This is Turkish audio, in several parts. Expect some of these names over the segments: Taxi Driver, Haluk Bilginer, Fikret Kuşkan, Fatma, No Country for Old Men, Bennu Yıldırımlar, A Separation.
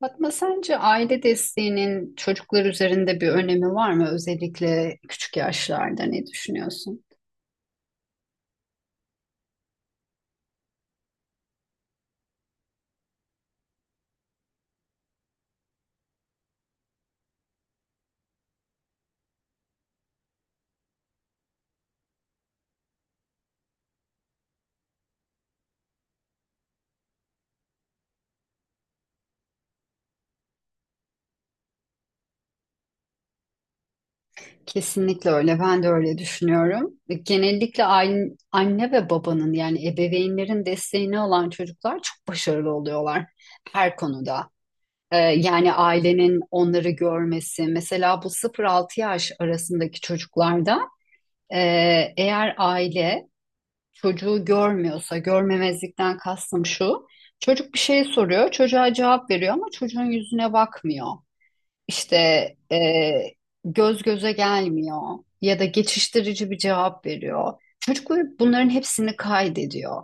Fatma, sence aile desteğinin çocuklar üzerinde bir önemi var mı? Özellikle küçük yaşlarda ne düşünüyorsun? Kesinlikle öyle. Ben de öyle düşünüyorum. Genellikle aile, anne ve babanın yani ebeveynlerin desteğine olan çocuklar çok başarılı oluyorlar her konuda. Yani ailenin onları görmesi. Mesela bu 0-6 yaş arasındaki çocuklarda e, eğer aile çocuğu görmüyorsa, görmemezlikten kastım şu. Çocuk bir şey soruyor, çocuğa cevap veriyor ama çocuğun yüzüne bakmıyor. İşte eee, göz göze gelmiyor ya da geçiştirici bir cevap veriyor. Çocuk bunların hepsini kaydediyor.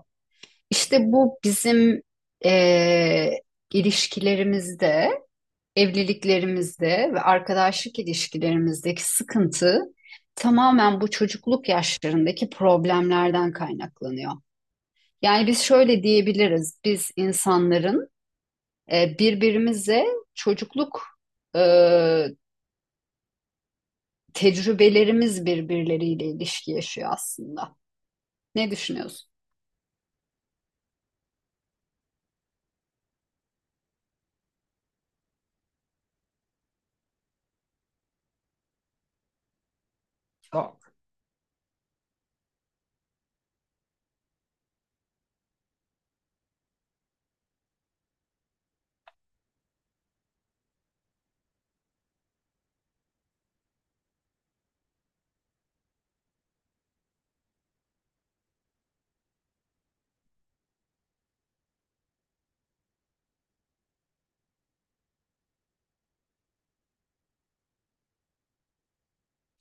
İşte bu bizim eee, ilişkilerimizde, evliliklerimizde ve arkadaşlık ilişkilerimizdeki sıkıntı tamamen bu çocukluk yaşlarındaki problemlerden kaynaklanıyor. Yani biz şöyle diyebiliriz. Biz insanların birbirimize çocukluk e, tecrübelerimiz birbirleriyle ilişki yaşıyor aslında. Ne düşünüyorsun?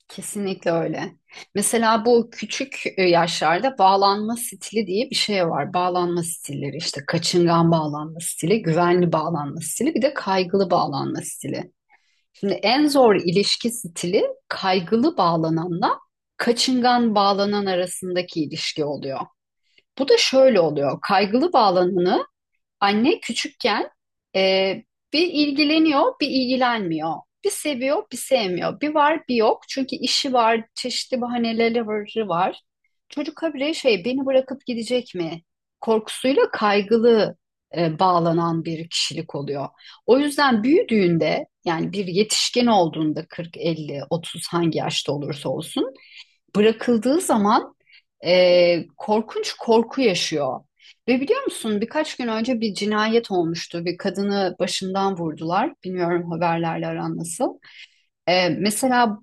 Kesinlikle öyle. Mesela bu küçük yaşlarda bağlanma stili diye bir şey var. Bağlanma stilleri işte kaçıngan bağlanma stili, güvenli bağlanma stili, bir de kaygılı bağlanma stili. Şimdi en zor ilişki stili kaygılı bağlananla kaçıngan bağlanan arasındaki ilişki oluyor. Bu da şöyle oluyor. Kaygılı bağlananı anne küçükken e, bir ilgileniyor, bir ilgilenmiyor. Bir seviyor, bir sevmiyor. Bir var, bir yok. Çünkü işi var, çeşitli bahaneleri var. Çocuk habire şey, beni bırakıp gidecek mi? Korkusuyla kaygılı bağlanan bir kişilik oluyor. O yüzden büyüdüğünde, yani bir yetişkin olduğunda 40, 50, 30 hangi yaşta olursa olsun bırakıldığı zaman korkunç korku yaşıyor. Ve biliyor musun birkaç gün önce bir cinayet olmuştu. Bir kadını başından vurdular. Bilmiyorum haberlerle aran nasıl. Mesela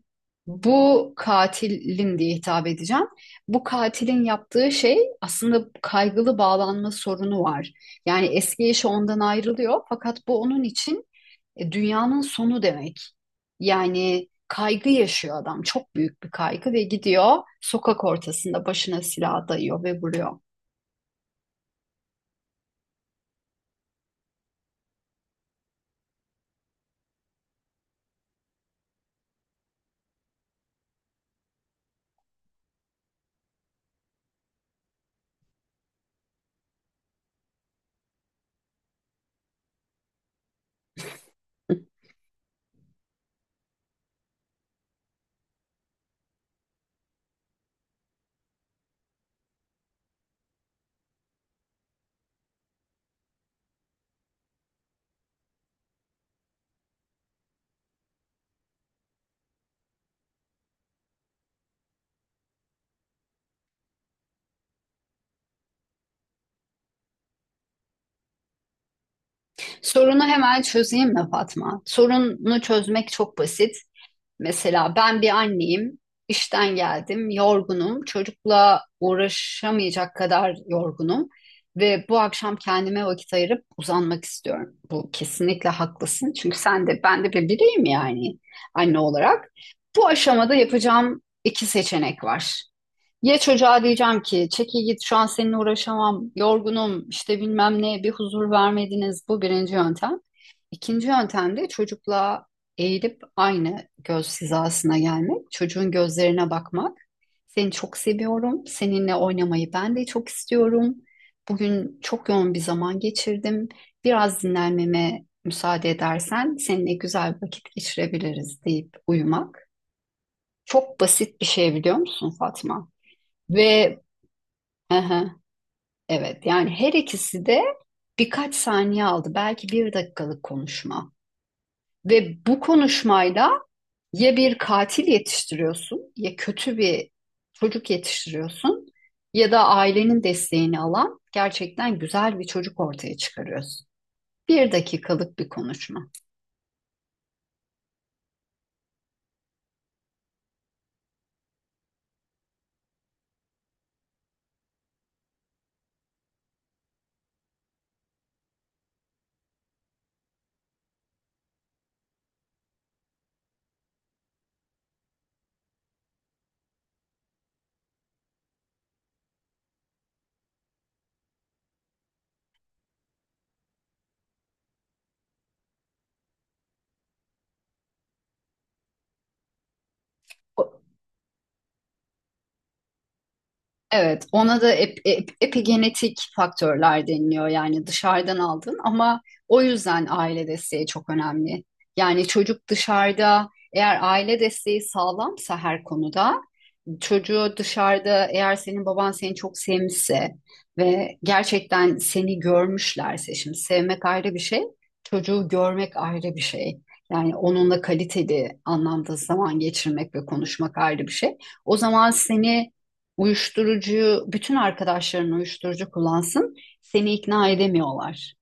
bu katilin diye hitap edeceğim. Bu katilin yaptığı şey aslında kaygılı bağlanma sorunu var. Yani eski eşi ondan ayrılıyor fakat bu onun için dünyanın sonu demek. Yani kaygı yaşıyor adam. Çok büyük bir kaygı ve gidiyor sokak ortasında başına silah dayıyor ve vuruyor. Sorunu hemen çözeyim mi Fatma? Sorunu çözmek çok basit. Mesela ben bir anneyim, işten geldim, yorgunum, çocukla uğraşamayacak kadar yorgunum ve bu akşam kendime vakit ayırıp uzanmak istiyorum. Bu kesinlikle haklısın çünkü sen de ben de bir bireyim yani anne olarak. Bu aşamada yapacağım iki seçenek var. Ya çocuğa diyeceğim ki çekil git şu an seninle uğraşamam, yorgunum işte bilmem ne bir huzur vermediniz, bu birinci yöntem. İkinci yöntem de çocukla eğilip aynı göz hizasına gelmek, çocuğun gözlerine bakmak. Seni çok seviyorum, seninle oynamayı ben de çok istiyorum. Bugün çok yoğun bir zaman geçirdim. Biraz dinlenmeme müsaade edersen seninle güzel bir vakit geçirebiliriz deyip uyumak. Çok basit bir şey biliyor musun Fatma? Ve aha, evet yani her ikisi de birkaç saniye aldı, belki bir dakikalık konuşma ve bu konuşmayla ya bir katil yetiştiriyorsun, ya kötü bir çocuk yetiştiriyorsun ya da ailenin desteğini alan gerçekten güzel bir çocuk ortaya çıkarıyorsun. Bir dakikalık bir konuşma. Evet, ona da epigenetik faktörler deniliyor, yani dışarıdan aldın ama o yüzden aile desteği çok önemli. Yani çocuk dışarıda eğer aile desteği sağlamsa her konuda, çocuğu dışarıda eğer senin baban seni çok sevmişse ve gerçekten seni görmüşlerse, şimdi sevmek ayrı bir şey, çocuğu görmek ayrı bir şey. Yani onunla kaliteli anlamda zaman geçirmek ve konuşmak ayrı bir şey. O zaman seni uyuşturucu, bütün arkadaşların uyuşturucu kullansın, seni ikna edemiyorlar.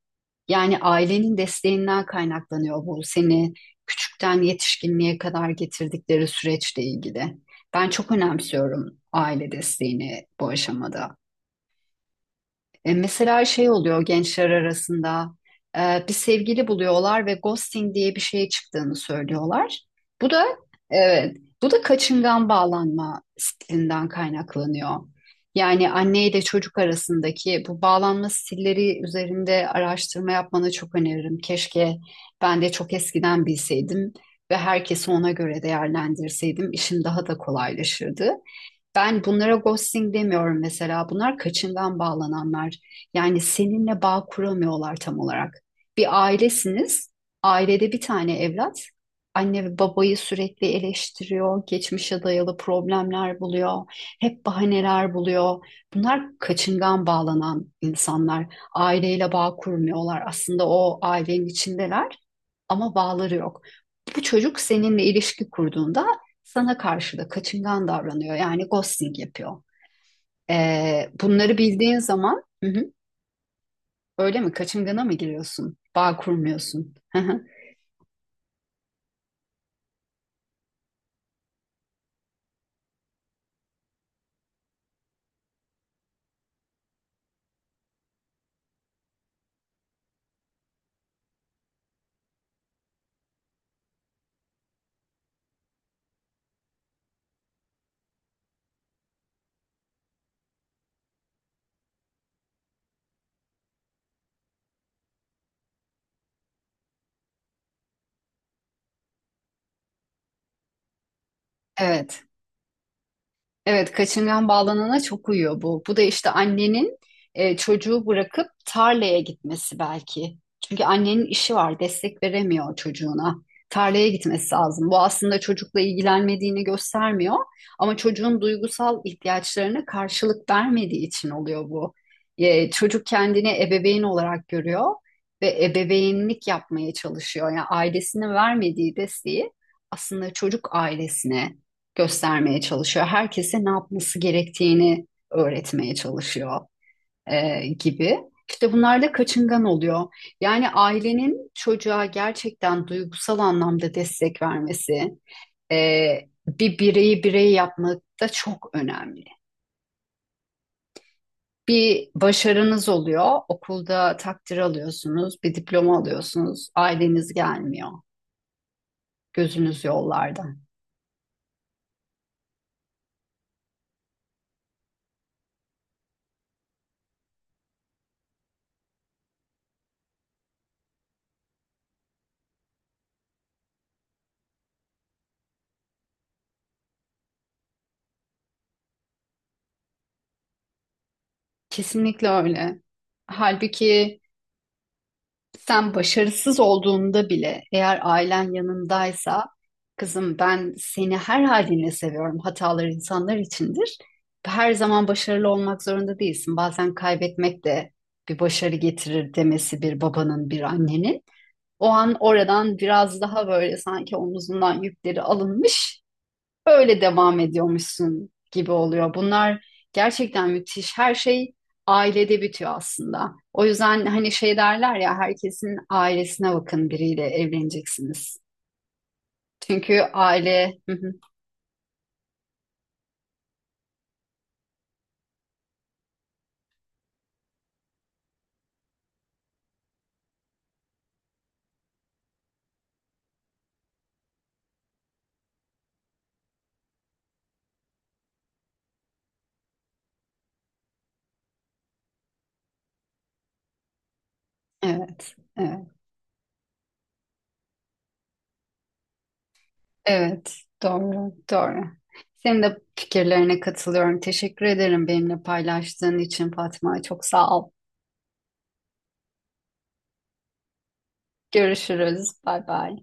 Yani ailenin desteğinden kaynaklanıyor bu, seni küçükten yetişkinliğe kadar getirdikleri süreçle ilgili. Ben çok önemsiyorum aile desteğini bu aşamada. Mesela şey oluyor gençler arasında bir sevgili buluyorlar ve ghosting diye bir şey çıktığını söylüyorlar. Bu da, evet, bu da kaçıngan bağlanma stilinden kaynaklanıyor. Yani anne ile çocuk arasındaki bu bağlanma stilleri üzerinde araştırma yapmanı çok öneririm. Keşke ben de çok eskiden bilseydim ve herkesi ona göre değerlendirseydim işim daha da kolaylaşırdı. Ben bunlara ghosting demiyorum mesela. Bunlar kaçıngan bağlananlar. Yani seninle bağ kuramıyorlar tam olarak. Bir ailesiniz. Ailede bir tane evlat. Anne ve babayı sürekli eleştiriyor. Geçmişe dayalı problemler buluyor. Hep bahaneler buluyor. Bunlar kaçıngan bağlanan insanlar. Aileyle bağ kurmuyorlar. Aslında o ailenin içindeler ama bağları yok. Bu çocuk seninle ilişki kurduğunda sana karşı da kaçıngan davranıyor. Yani ghosting yapıyor. Bunları bildiğin zaman. Hı hı, öyle mi? Kaçıngana mı giriyorsun? Bağ kurmuyorsun. Hı hı. Evet. Evet, kaçıngan bağlanana çok uyuyor bu. Bu da işte annenin çocuğu bırakıp tarlaya gitmesi belki. Çünkü annenin işi var, destek veremiyor çocuğuna. Tarlaya gitmesi lazım. Bu aslında çocukla ilgilenmediğini göstermiyor ama çocuğun duygusal ihtiyaçlarına karşılık vermediği için oluyor bu. Çocuk kendini ebeveyn olarak görüyor ve ebeveynlik yapmaya çalışıyor. Yani ailesine vermediği desteği aslında çocuk ailesine göstermeye çalışıyor. Herkese ne yapması gerektiğini öğretmeye çalışıyor gibi. İşte bunlar da kaçıngan oluyor. Yani ailenin çocuğa gerçekten duygusal anlamda destek vermesi, e, bir bireyi birey yapmak da çok önemli. Bir başarınız oluyor, okulda takdir alıyorsunuz, bir diploma alıyorsunuz, aileniz gelmiyor, gözünüz yollarda. Kesinlikle öyle. Halbuki sen başarısız olduğunda bile eğer ailen yanındaysa, kızım ben seni her halinle seviyorum. Hatalar insanlar içindir. Her zaman başarılı olmak zorunda değilsin. Bazen kaybetmek de bir başarı getirir demesi bir babanın, bir annenin. O an oradan biraz daha böyle sanki omuzundan yükleri alınmış, böyle devam ediyormuşsun gibi oluyor. Bunlar gerçekten müthiş. Her şey ailede bitiyor aslında. O yüzden hani şey derler ya, herkesin ailesine bakın biriyle evleneceksiniz. Çünkü aile. Hı hı. Evet evet, evet doğru doğru. Senin de fikirlerine katılıyorum. Teşekkür ederim benimle paylaştığın için Fatma. Çok sağ ol. Görüşürüz. Bay bay.